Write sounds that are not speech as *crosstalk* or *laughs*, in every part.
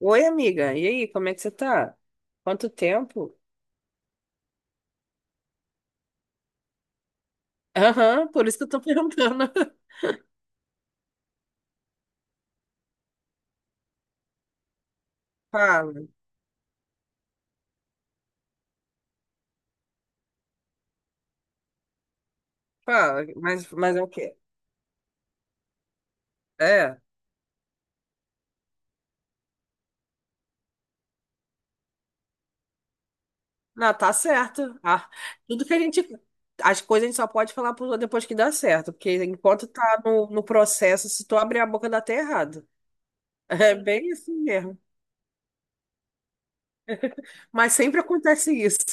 Oi, amiga. E aí, como é que você tá? Quanto tempo? Aham, por isso que eu tô perguntando. *laughs* Fala, fala. Mas é o quê? É. Não, tá certo. Ah, tudo que a gente. As coisas a gente só pode falar pro- depois que dá certo, porque enquanto tá no processo, se tu abrir a boca dá até errado. *laughs* É bem assim mesmo. Mas sempre acontece isso.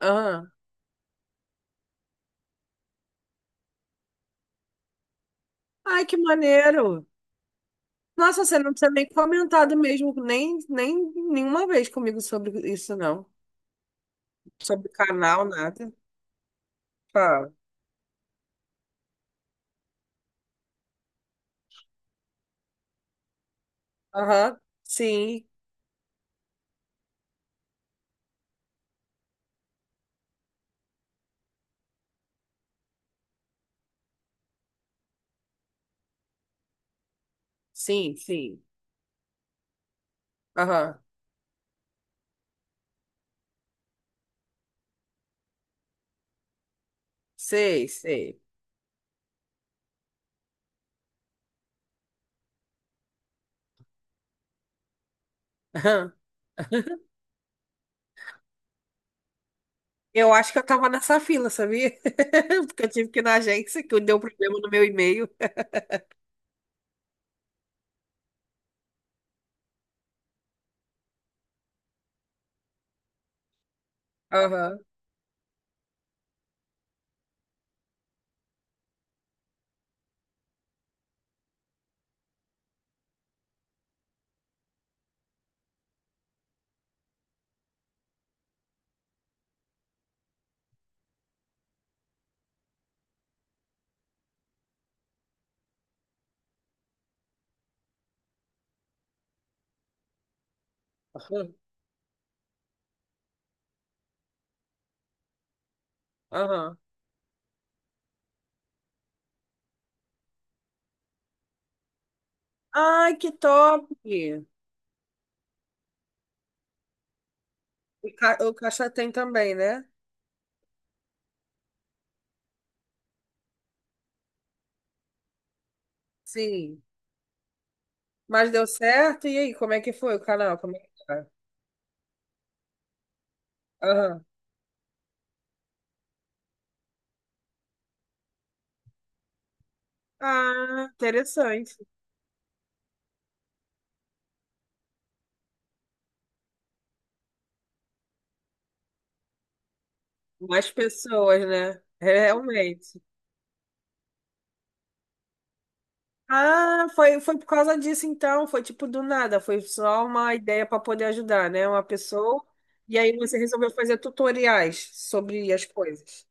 Ah. Ai, que maneiro! Nossa, você não precisa nem comentar do mesmo, nem, nem nenhuma vez comigo sobre isso, não. Sobre canal, nada. Ah, aham, sim, sim, sim. Aham, sei, sei. Aham. Eu acho que eu tava nessa fila, sabia? *laughs* Porque eu tive que ir na agência, que deu problema no meu e-mail. Aham, aham, aham. Ai, que top! O ca- o Caixa Tem também, né? Sim. Mas deu certo? E aí, como é que foi o canal? Como é que tá? Aham. Ah, interessante. Mais pessoas, né? Realmente. Ah, foi, foi por causa disso então, foi tipo do nada, foi só uma ideia para poder ajudar, né? Uma pessoa. E aí você resolveu fazer tutoriais sobre as coisas.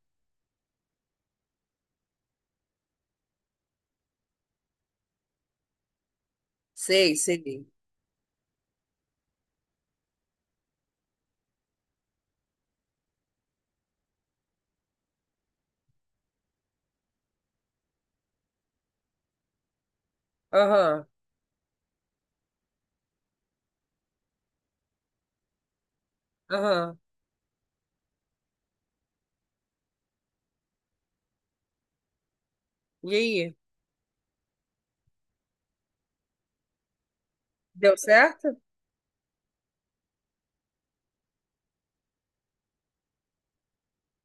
Sei, sei. Aham, aham. E aí, deu certo?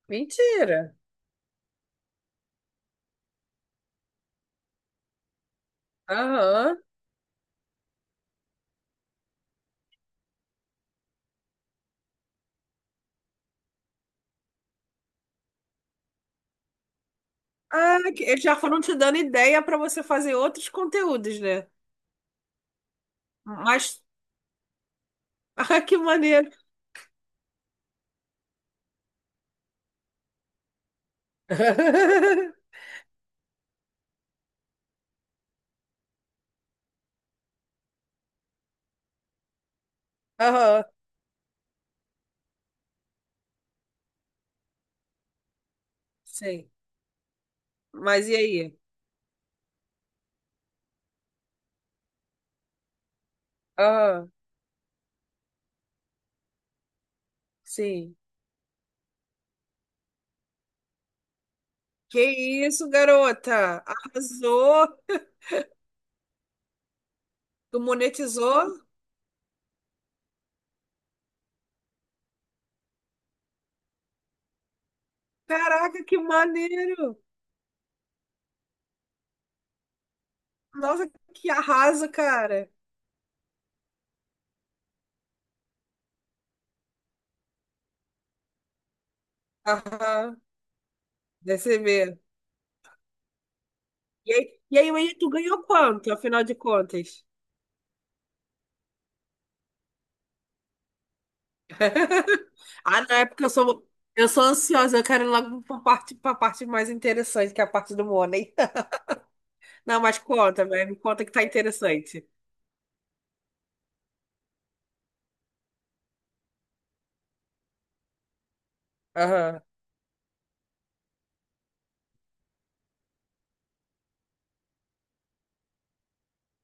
Mentira. Aham. Ah, que- eles já foram te dando ideia para você fazer outros conteúdos, né? Mas, *laughs* ah, que maneiro. *laughs* Aham, sim. Mas e aí? Aham, sim. Que isso, garota? Arrasou! Tu monetizou? Caraca, que maneiro! Nossa, que arraso, cara! Aham, deve ser mesmo. E aí, aí, tu ganhou quanto, afinal de contas? *laughs* Ah, não, é porque eu sou ansiosa, eu quero ir logo pra parte mais interessante, que é a parte do money. *laughs* Não, mas conta, velho, me conta que tá interessante. Aham.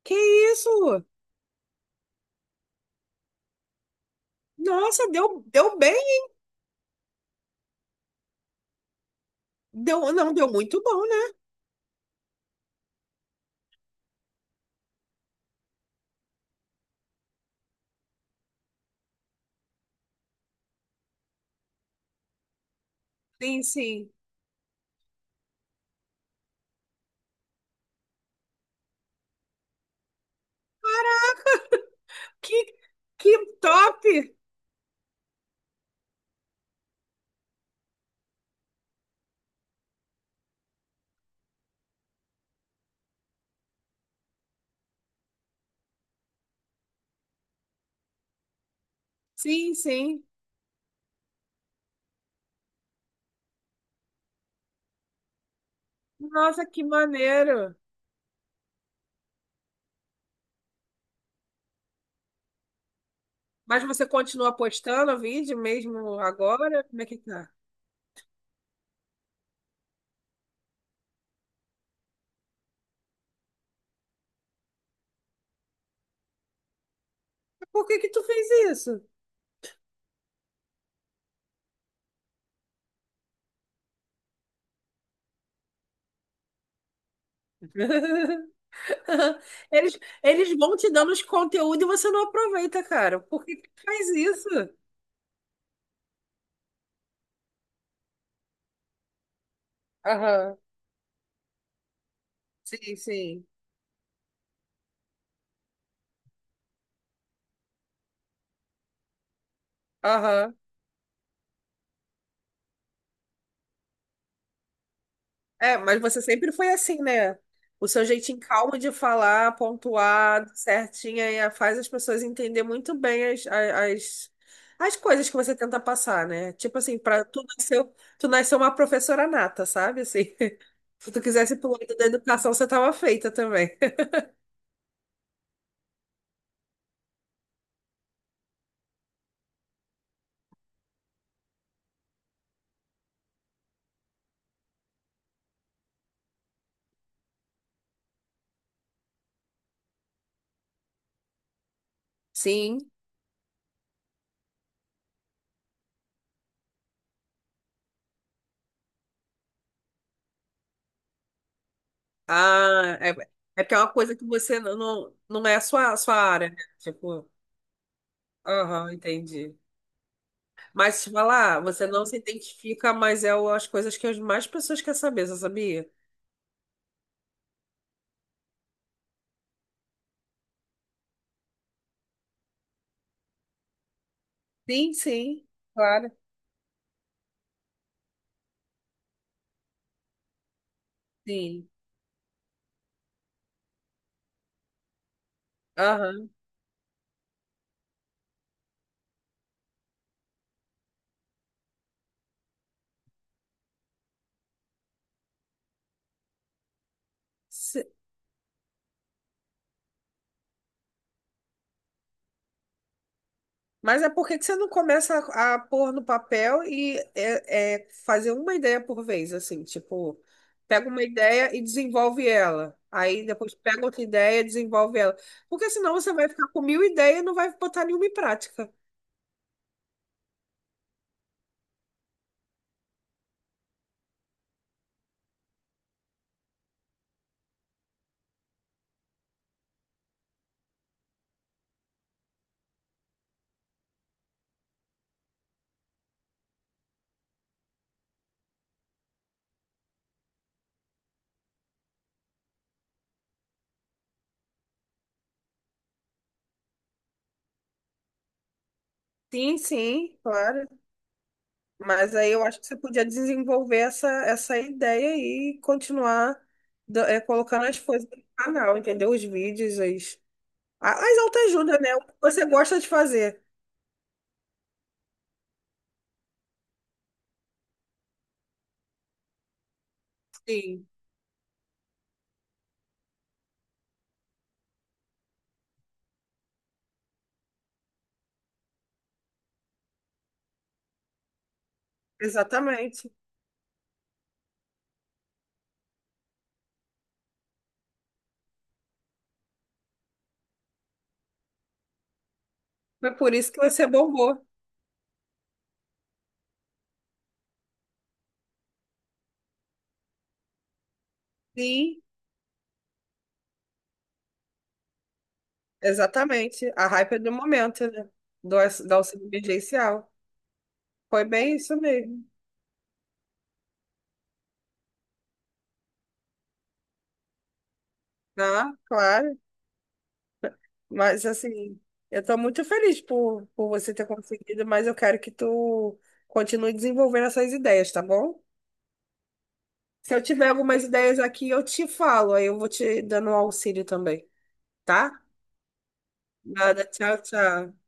Que isso? Nossa, deu, deu bem. Deu, não, deu muito bom, né? Sim, sim. Que, que top! Sim, sim. Nossa, que maneiro. Mas você continua postando o vídeo mesmo agora? Como é que tá? Por que que tu fez isso? *laughs* Eles vão te dando os conteúdos e você não aproveita, cara. Por que que tu faz isso? Aham. Sim, sim. Aham. É, mas você sempre foi assim, né? O seu jeitinho calmo de falar, pontuado, certinho, aí faz as pessoas entender muito bem as, a- as, as coisas que você tenta passar, né? Tipo assim, pra, tu nasceu uma professora nata, sabe? Assim, *laughs* se tu quisesse pro lado da educação, você tava feita também. Sim. Ah, é, é porque é uma coisa que você não, não não é a sua área, né? Tipo, aham, entendi. Mas te falar, você não se identifica, mas é o- as coisas que as mais pessoas querem saber, você sabia? Sim, sim. Claro. Sim. Aham. Se- mas é por que que você não começa a pôr no papel e é, é, fazer uma ideia por vez, assim, tipo, pega uma ideia e desenvolve ela. Aí depois pega outra ideia e desenvolve ela. Porque senão você vai ficar com mil ideias e não vai botar nenhuma em prática. Sim, sim, claro. Mas aí eu acho que você podia desenvolver essa, essa ideia aí e continuar da- é, colocando as coisas no canal, entendeu? Os vídeos, as, a- as autoajuda, né? O que você gosta de fazer. Sim, exatamente. Foi por isso que você bombou. Sim. Exatamente. A hype é do momento, né? Do, da auxílio emergencial. Foi bem isso mesmo. Ah, claro. Mas assim, eu estou muito feliz por você ter conseguido, mas eu quero que tu continue desenvolvendo essas ideias, tá bom? Se eu tiver algumas ideias aqui, eu te falo, aí eu vou te dando um auxílio também, tá? Nada, tchau, tchau.